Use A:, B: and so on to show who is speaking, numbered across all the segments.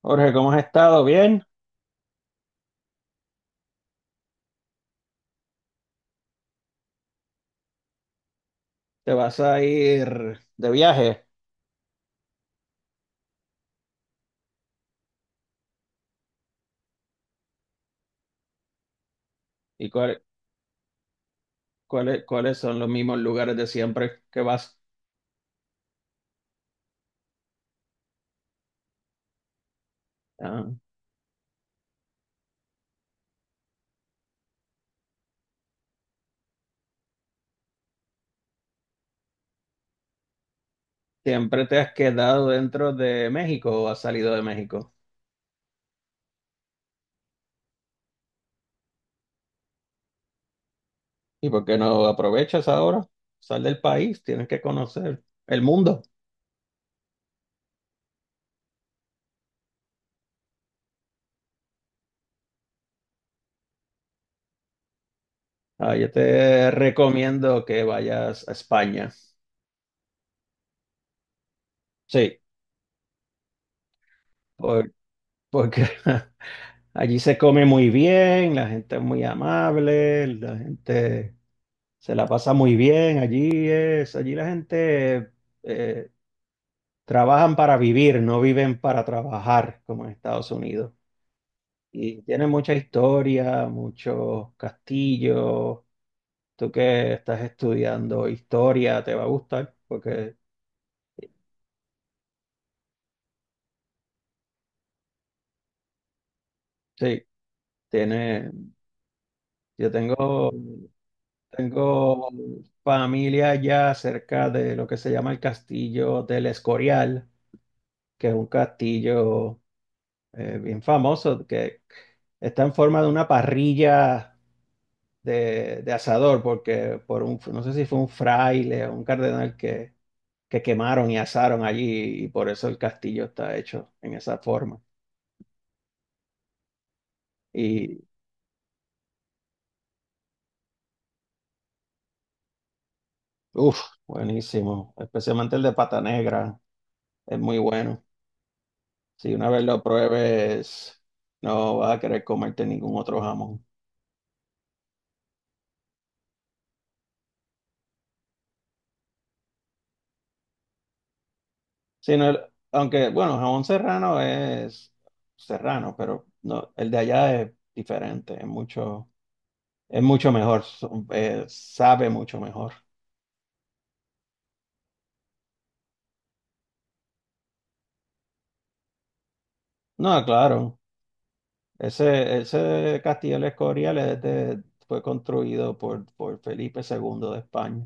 A: Jorge, ¿cómo has estado? ¿Bien? ¿Te vas a ir de viaje? ¿Y cuál- cuáles son los mismos lugares de siempre que vas? Ah, ¿siempre te has quedado dentro de México o has salido de México? ¿Y por qué no aprovechas ahora? Sal del país, tienes que conocer el mundo. Ah, yo te recomiendo que vayas a España. Sí, por- porque allí se come muy bien, la gente es muy amable, la gente se la pasa muy bien. Allí la gente eh, trabajan para vivir, no viven para trabajar como en Estados Unidos. Y tiene mucha historia, muchos castillos. Tú que estás estudiando historia, te va a gustar porque sí, tiene. Yo tengo, tengo familia ya cerca de lo que se llama el castillo del Escorial, que es un castillo bien famoso, que está en forma de una parrilla de asador, porque por un, no sé si fue un fraile o un cardenal que quemaron y asaron allí, y por eso el castillo está hecho en esa forma. Y uff, buenísimo, especialmente el de Pata Negra. Es muy bueno. Si una vez lo pruebes, no vas a querer comerte ningún otro jamón. Si no, el- Aunque, bueno, jamón serrano es serrano, pero no, el de allá es diferente, es mucho mejor, sabe mucho mejor. No, claro, ese castillo del Escorial fue construido por Felipe II de España.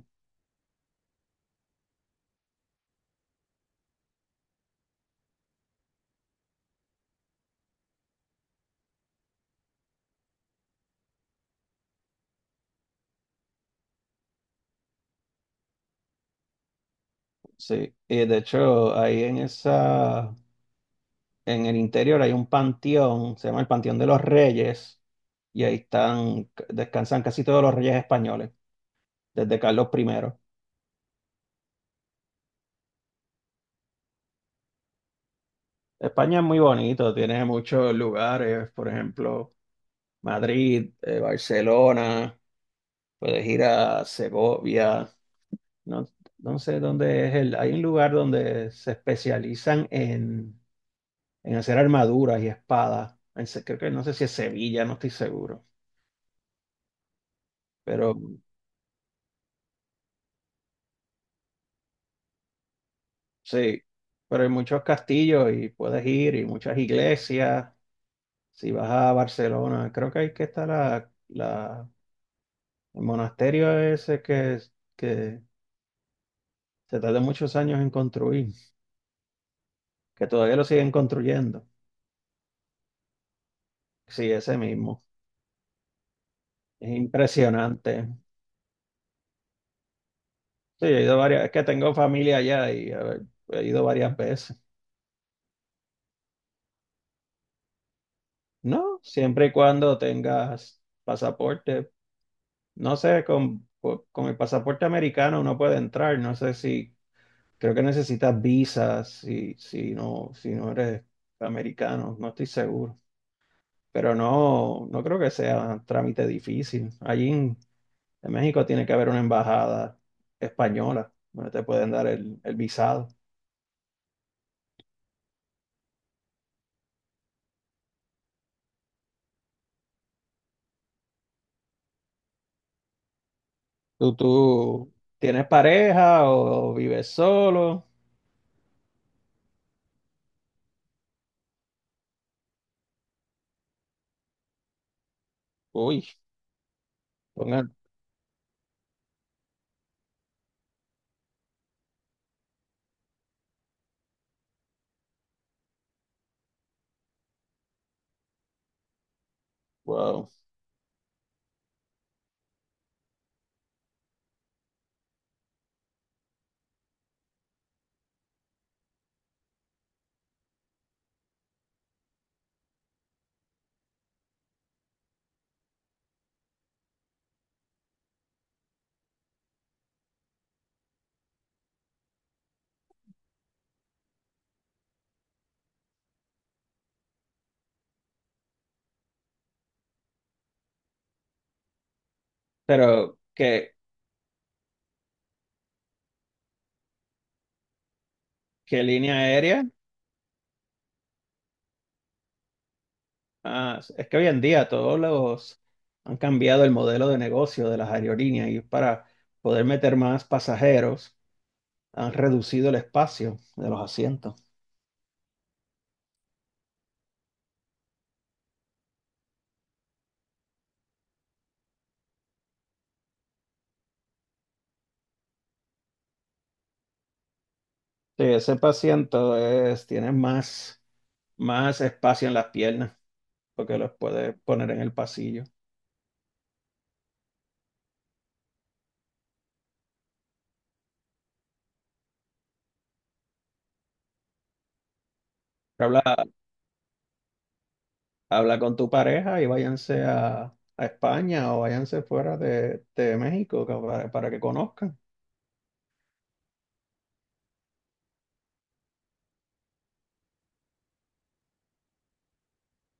A: Sí, y de hecho, ahí en esa en el interior hay un panteón, se llama el Panteón de los Reyes, y ahí están, descansan casi todos los reyes españoles, desde Carlos I. España es muy bonito, tiene muchos lugares, por ejemplo, Madrid, Barcelona, puedes ir a Segovia, no, no sé dónde es el, hay un lugar donde se especializan en hacer armaduras y espadas, creo que no sé si es Sevilla, no estoy seguro, pero sí, pero hay muchos castillos y puedes ir y muchas iglesias. Si vas a Barcelona, creo que ahí que está el monasterio ese que se tardó muchos años en construir, que todavía lo siguen construyendo. Sí, ese mismo. Es impresionante. Sí, he ido varias, es que tengo familia allá y a ver, he ido varias veces. No, siempre y cuando tengas pasaporte. No sé, con el pasaporte americano uno puede entrar. No sé si creo que necesitas visas si, si no, si no eres americano, no estoy seguro. Pero no, no creo que sea trámite difícil. En México tiene que haber una embajada española donde te pueden dar el visado. ¿Tú tienes pareja o, vives solo? Uy, pongan, wow. Pero, ¿qué, ¿qué línea aérea? Ah, es que hoy en día todos los han cambiado el modelo de negocio de las aerolíneas y para poder meter más pasajeros han reducido el espacio de los asientos. Sí, ese paciente es, tiene más, más espacio en las piernas porque los puedes poner en el pasillo. Habla, Habla con tu pareja y váyanse a España o váyanse fuera de, de México para que conozcan.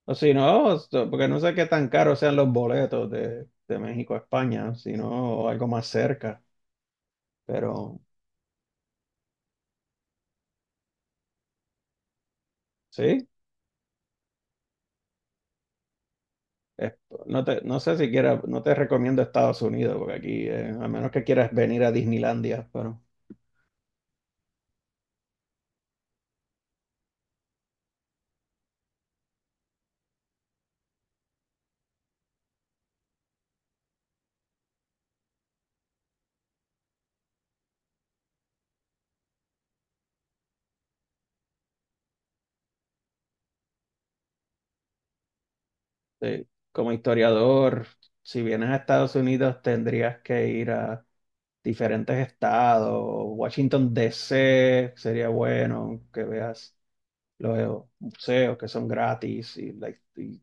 A: O si no, porque no sé qué tan caros sean los boletos de México a España, sino algo más cerca. Pero sí, es- no te, no sé si quieras, no te recomiendo Estados Unidos, porque aquí, a menos que quieras venir a Disneylandia, pero sí. Como historiador, si vienes a Estados Unidos, tendrías que ir a diferentes estados. Washington, D. C. sería bueno que veas los museos que son gratis y, y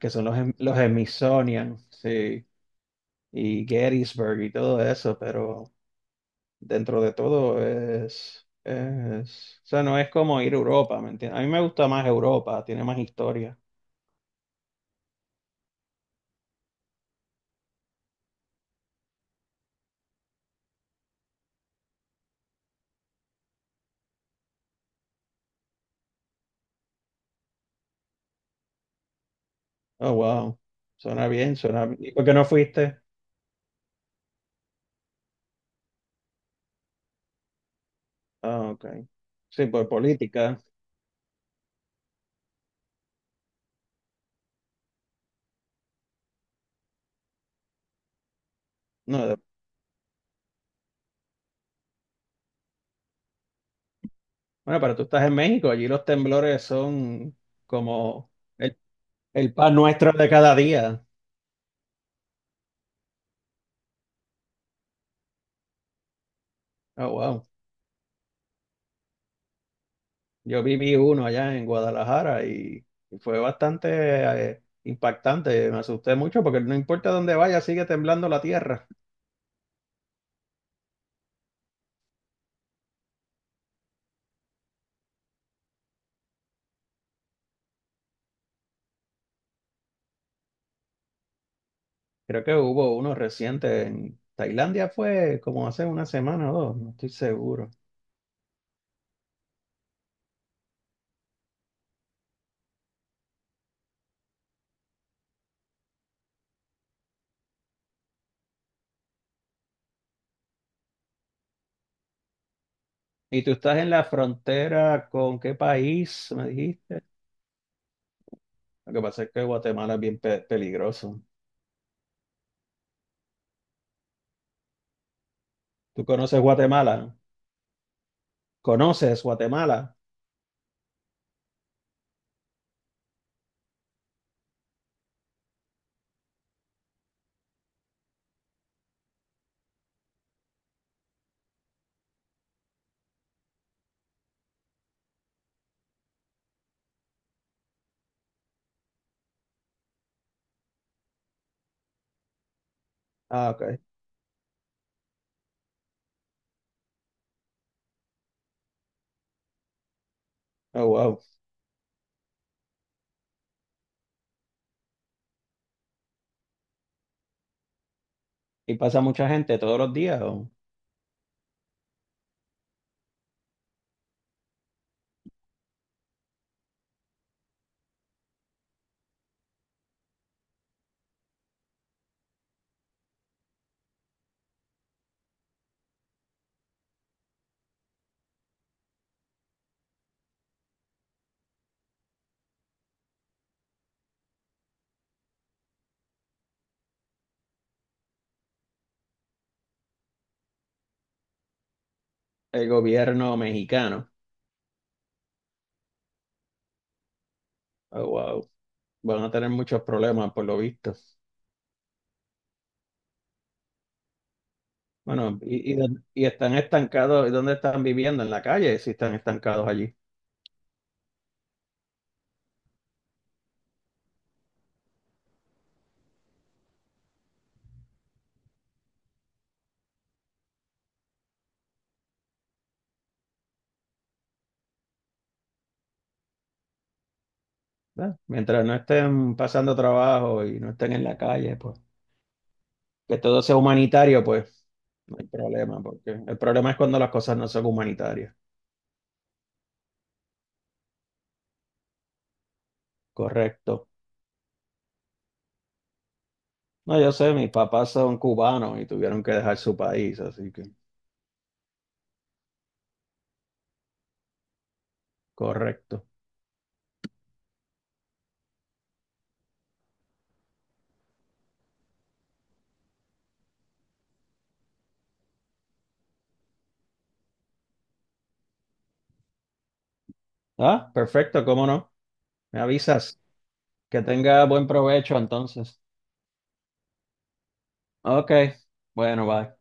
A: que son los, los Smithsonian, sí, y Gettysburg y todo eso, pero dentro de todo es, o sea, no es como ir a Europa, ¿me entiendes? A mí me gusta más Europa, tiene más historia. Oh, wow, suena bien, suena bien. ¿Y por qué no fuiste? Ah, ok. Sí, por política. No, de- bueno, pero tú estás en México, allí los temblores son como el, el pan nuestro de cada día. Oh, wow. Yo viví uno allá en Guadalajara y fue bastante impactante. Me asusté mucho porque no importa dónde vaya, sigue temblando la tierra. Creo que hubo uno reciente en Tailandia, fue como hace una semana o dos, no estoy seguro. ¿Y tú estás en la frontera con qué país, me dijiste? Lo que pasa es que Guatemala es peligroso. ¿Tú conoces Guatemala? ¿Conoces Guatemala? Ah, ok. Oh, wow. ¿Y pasa mucha gente todos los días? ¿O? El gobierno mexicano. Oh, wow. Van a tener muchos problemas por lo visto. Bueno, y están estancados, ¿y dónde están viviendo? En la calle, si están estancados allí, ¿verdad? Mientras no estén pasando trabajo y no estén en la calle, pues que todo sea humanitario, pues no hay problema, porque el problema es cuando las cosas no son humanitarias, correcto. No, yo sé, mis papás son cubanos y tuvieron que dejar su país, así que correcto. Ah, perfecto, ¿cómo no? Me avisas. Que tenga buen provecho entonces. Ok, bueno, bye.